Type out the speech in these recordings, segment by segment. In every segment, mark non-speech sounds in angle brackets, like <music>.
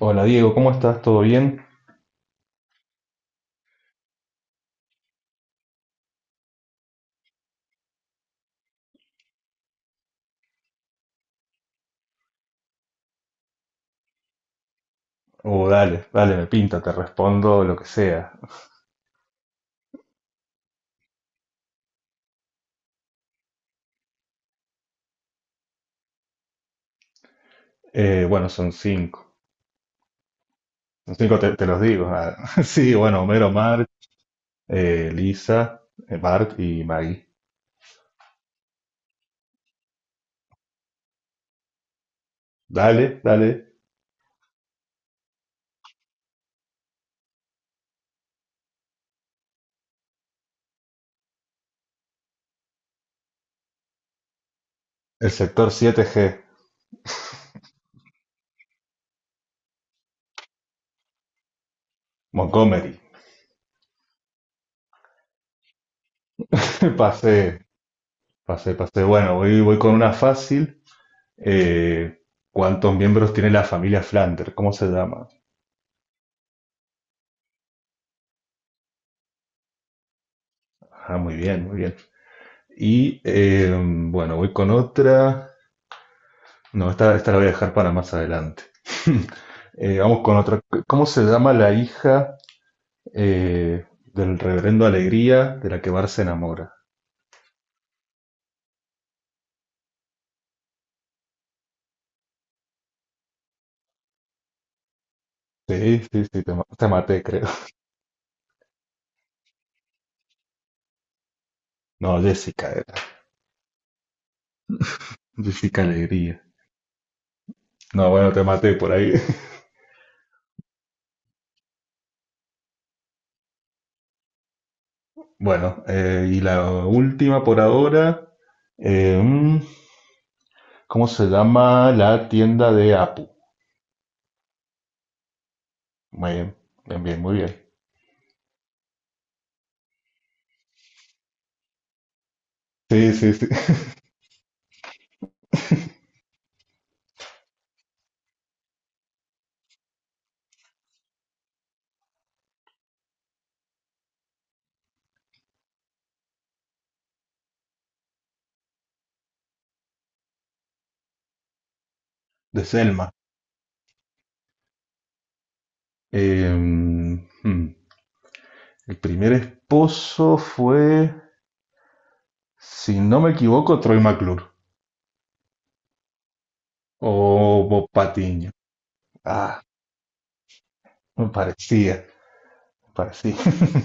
Hola Diego, ¿cómo estás? ¿Todo bien? Oh, dale, dale, me pinta, te respondo lo que sea. Bueno, son cinco. Son cinco, te los digo. Ah, <laughs> sí, bueno, Homero, Mark, Lisa, Bart y Maggie. Dale, dale. El sector 7G, Montgomery. <laughs> Pasé, pasé, pasé. Bueno, voy con una fácil. Eh, ¿Cuántos miembros tiene la familia Flander? ¿Cómo se llama? Ah, muy bien, muy bien. Y bueno, voy con otra. No, esta la voy a dejar para más adelante. <laughs> Vamos con otra. ¿Cómo se llama la hija del reverendo Alegría de la que Bar se enamora? Sí, sí, sí, te maté, creo. <laughs> No, Jessica era. Jessica Alegría. No, bueno, te maté por ahí. <laughs> Bueno, y la última por ahora. eh, mm, ¿Cómo se llama la tienda de Apu? Muy bien, bien, bien, muy bien. Sí, sí, sí. <laughs> De Selma. Eh, mm, hmm. El primer esposo fue, si no me equivoco, Troy McClure o Bob Patiño. Ah, me parecía, me parecía. <laughs>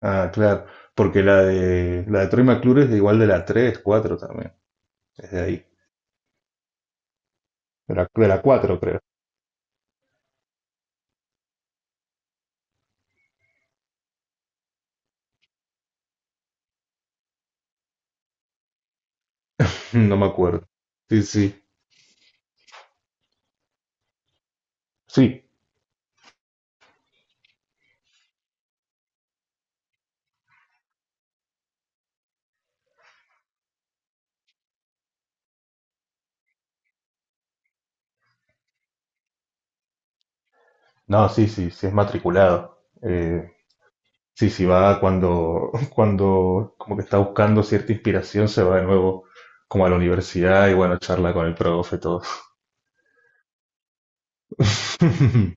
Ah, claro, porque la de Troy McClure es de igual de la 3, 4 también, es de ahí, de la 4 creo, <laughs> no me acuerdo. Sí, sí, sí, no, sí, sí, sí es matriculado. Sí, sí va <laughs> cuando como que está buscando cierta inspiración, se va de nuevo como a la universidad y bueno, charla con el profe, todo. <laughs>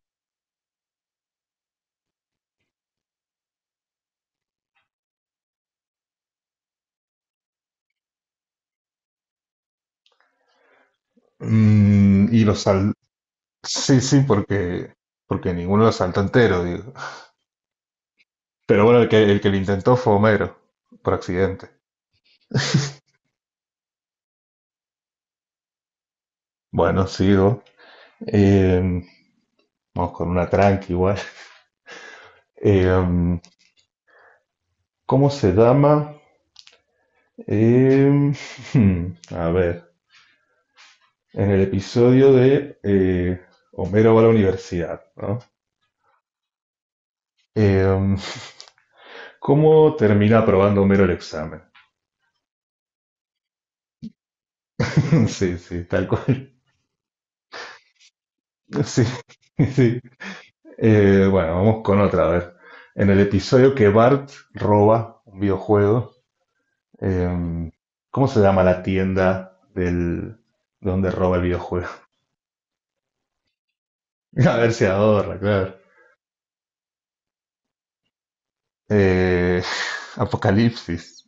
Mm, y los sal... Sí, sí, porque ninguno lo salta entero, digo. Pero bueno, el que lo intentó fue Homero, por accidente. <laughs> Bueno, sigo. Eh, vamos con una tranqui igual. Eh, ¿Cómo se llama? Eh, <laughs> a ver, en el episodio de Homero va a la universidad, ¿no? Eh, <laughs> ¿cómo termina aprobando Homero el examen? <laughs> Sí, sí, tal cual. Sí, <laughs> sí. Bueno, vamos con otra, a ver. En el episodio que Bart roba un videojuego, em, ¿cómo se llama la tienda donde roba el videojuego? <laughs> A ver si ahorra, claro. Eh, <laughs> <sighs> Apocalipsis,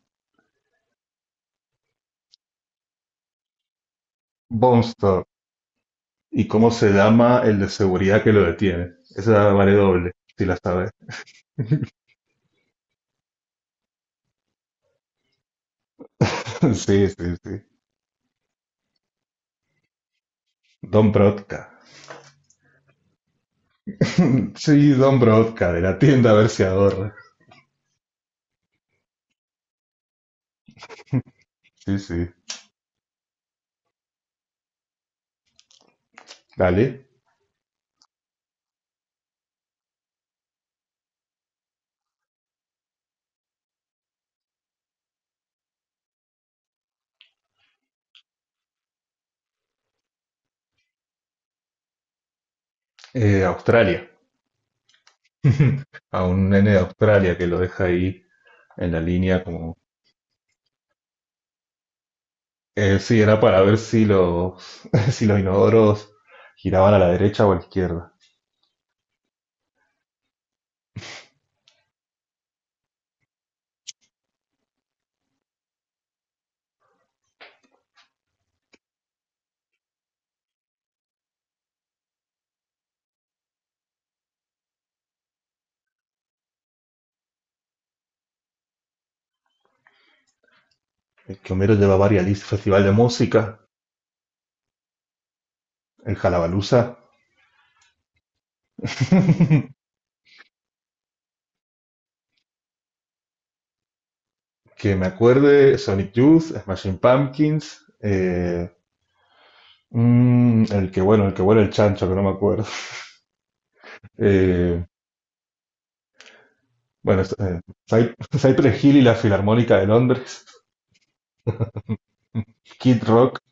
Bone Store. ¿Y cómo se llama el de seguridad que lo detiene? Esa vale doble, si la sabes. <laughs> Sí, sí, sí. Don Brodka. <laughs> Sí, Don Brodka, de la tienda a ver si ahorra. Sí, sí. Dale. Australia, <laughs> a un nene de Australia que lo deja ahí en la línea como... sí, era para ver si los, <laughs> si los inodoros giraban a la derecha o a la izquierda. El que Homero lleva varias listas, Festival de Música, el Jalabalusa, <laughs> que me acuerde, Sonic Youth, Smashing Pumpkins, el que bueno, el chancho, que no me acuerdo. <laughs> Eh, bueno, es- eh, <laughs> Cypress Hill y la Filarmónica de Londres, Kid Rock,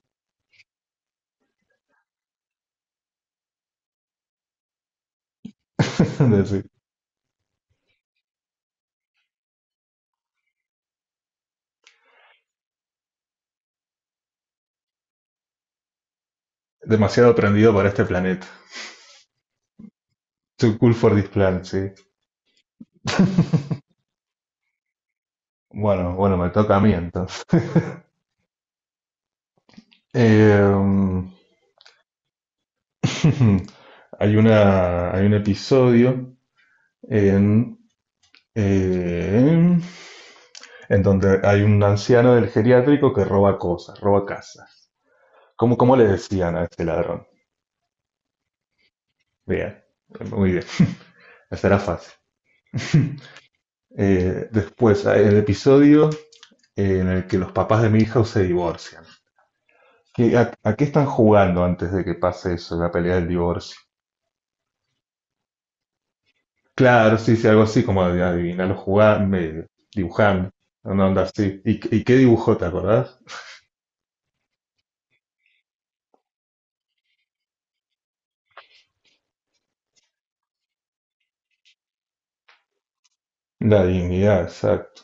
<laughs> de- sí. Demasiado aprendido para este planeta. Too cool for this planet, sí. Bueno, bueno, me toca a mí entonces. <laughs> Eh, <laughs> hay un episodio en, eh, en donde hay un anciano del geriátrico que roba cosas, roba casas. ¿Cómo, cómo le decían a este ladrón? Bien, muy bien, será fácil. Después, hay el episodio en el que los papás de mi hija se divorcian. ¿Qué- a qué están jugando antes de que pase eso, la pelea del divorcio? Claro, sí, sí, algo así como de adivinarlo jugando, dibujando, una onda así. Y qué dibujó, te acordás? La dignidad, exacto.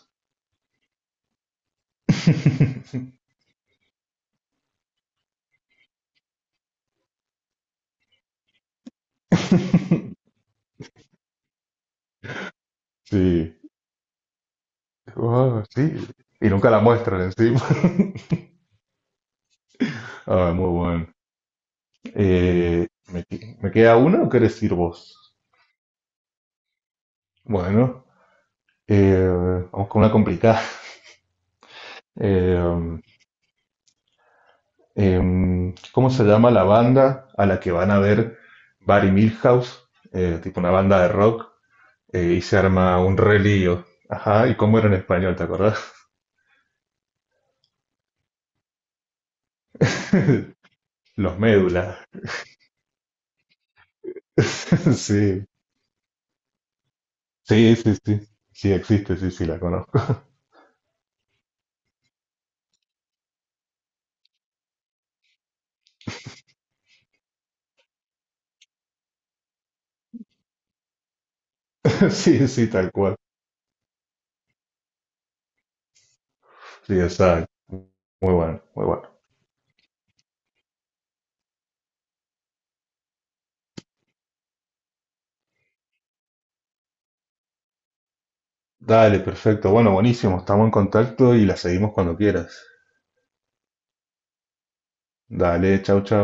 <laughs> Sí. Oh, sí. Y nunca la muestran encima. <laughs> Ah, muy bueno. Eh, ¿Me, que- me queda una o querés ir vos? Bueno, eh, vamos con una complicada. <laughs> Eh, ¿cómo se llama la banda a la que van a ver Barry Milhouse? Tipo una banda de rock, y se arma un relío. Ajá, ¿y cómo era en español, te acordás? <laughs> Los Médulas. <laughs> Sí, sí, sí, sí. Sí existe, sí, sí, la conozco. <laughs> Sí, sí, tal cual. Sí, exacto. Muy bueno, muy bueno. Dale, perfecto. Bueno, buenísimo. Estamos en contacto y la seguimos cuando quieras. Dale, chau, chau.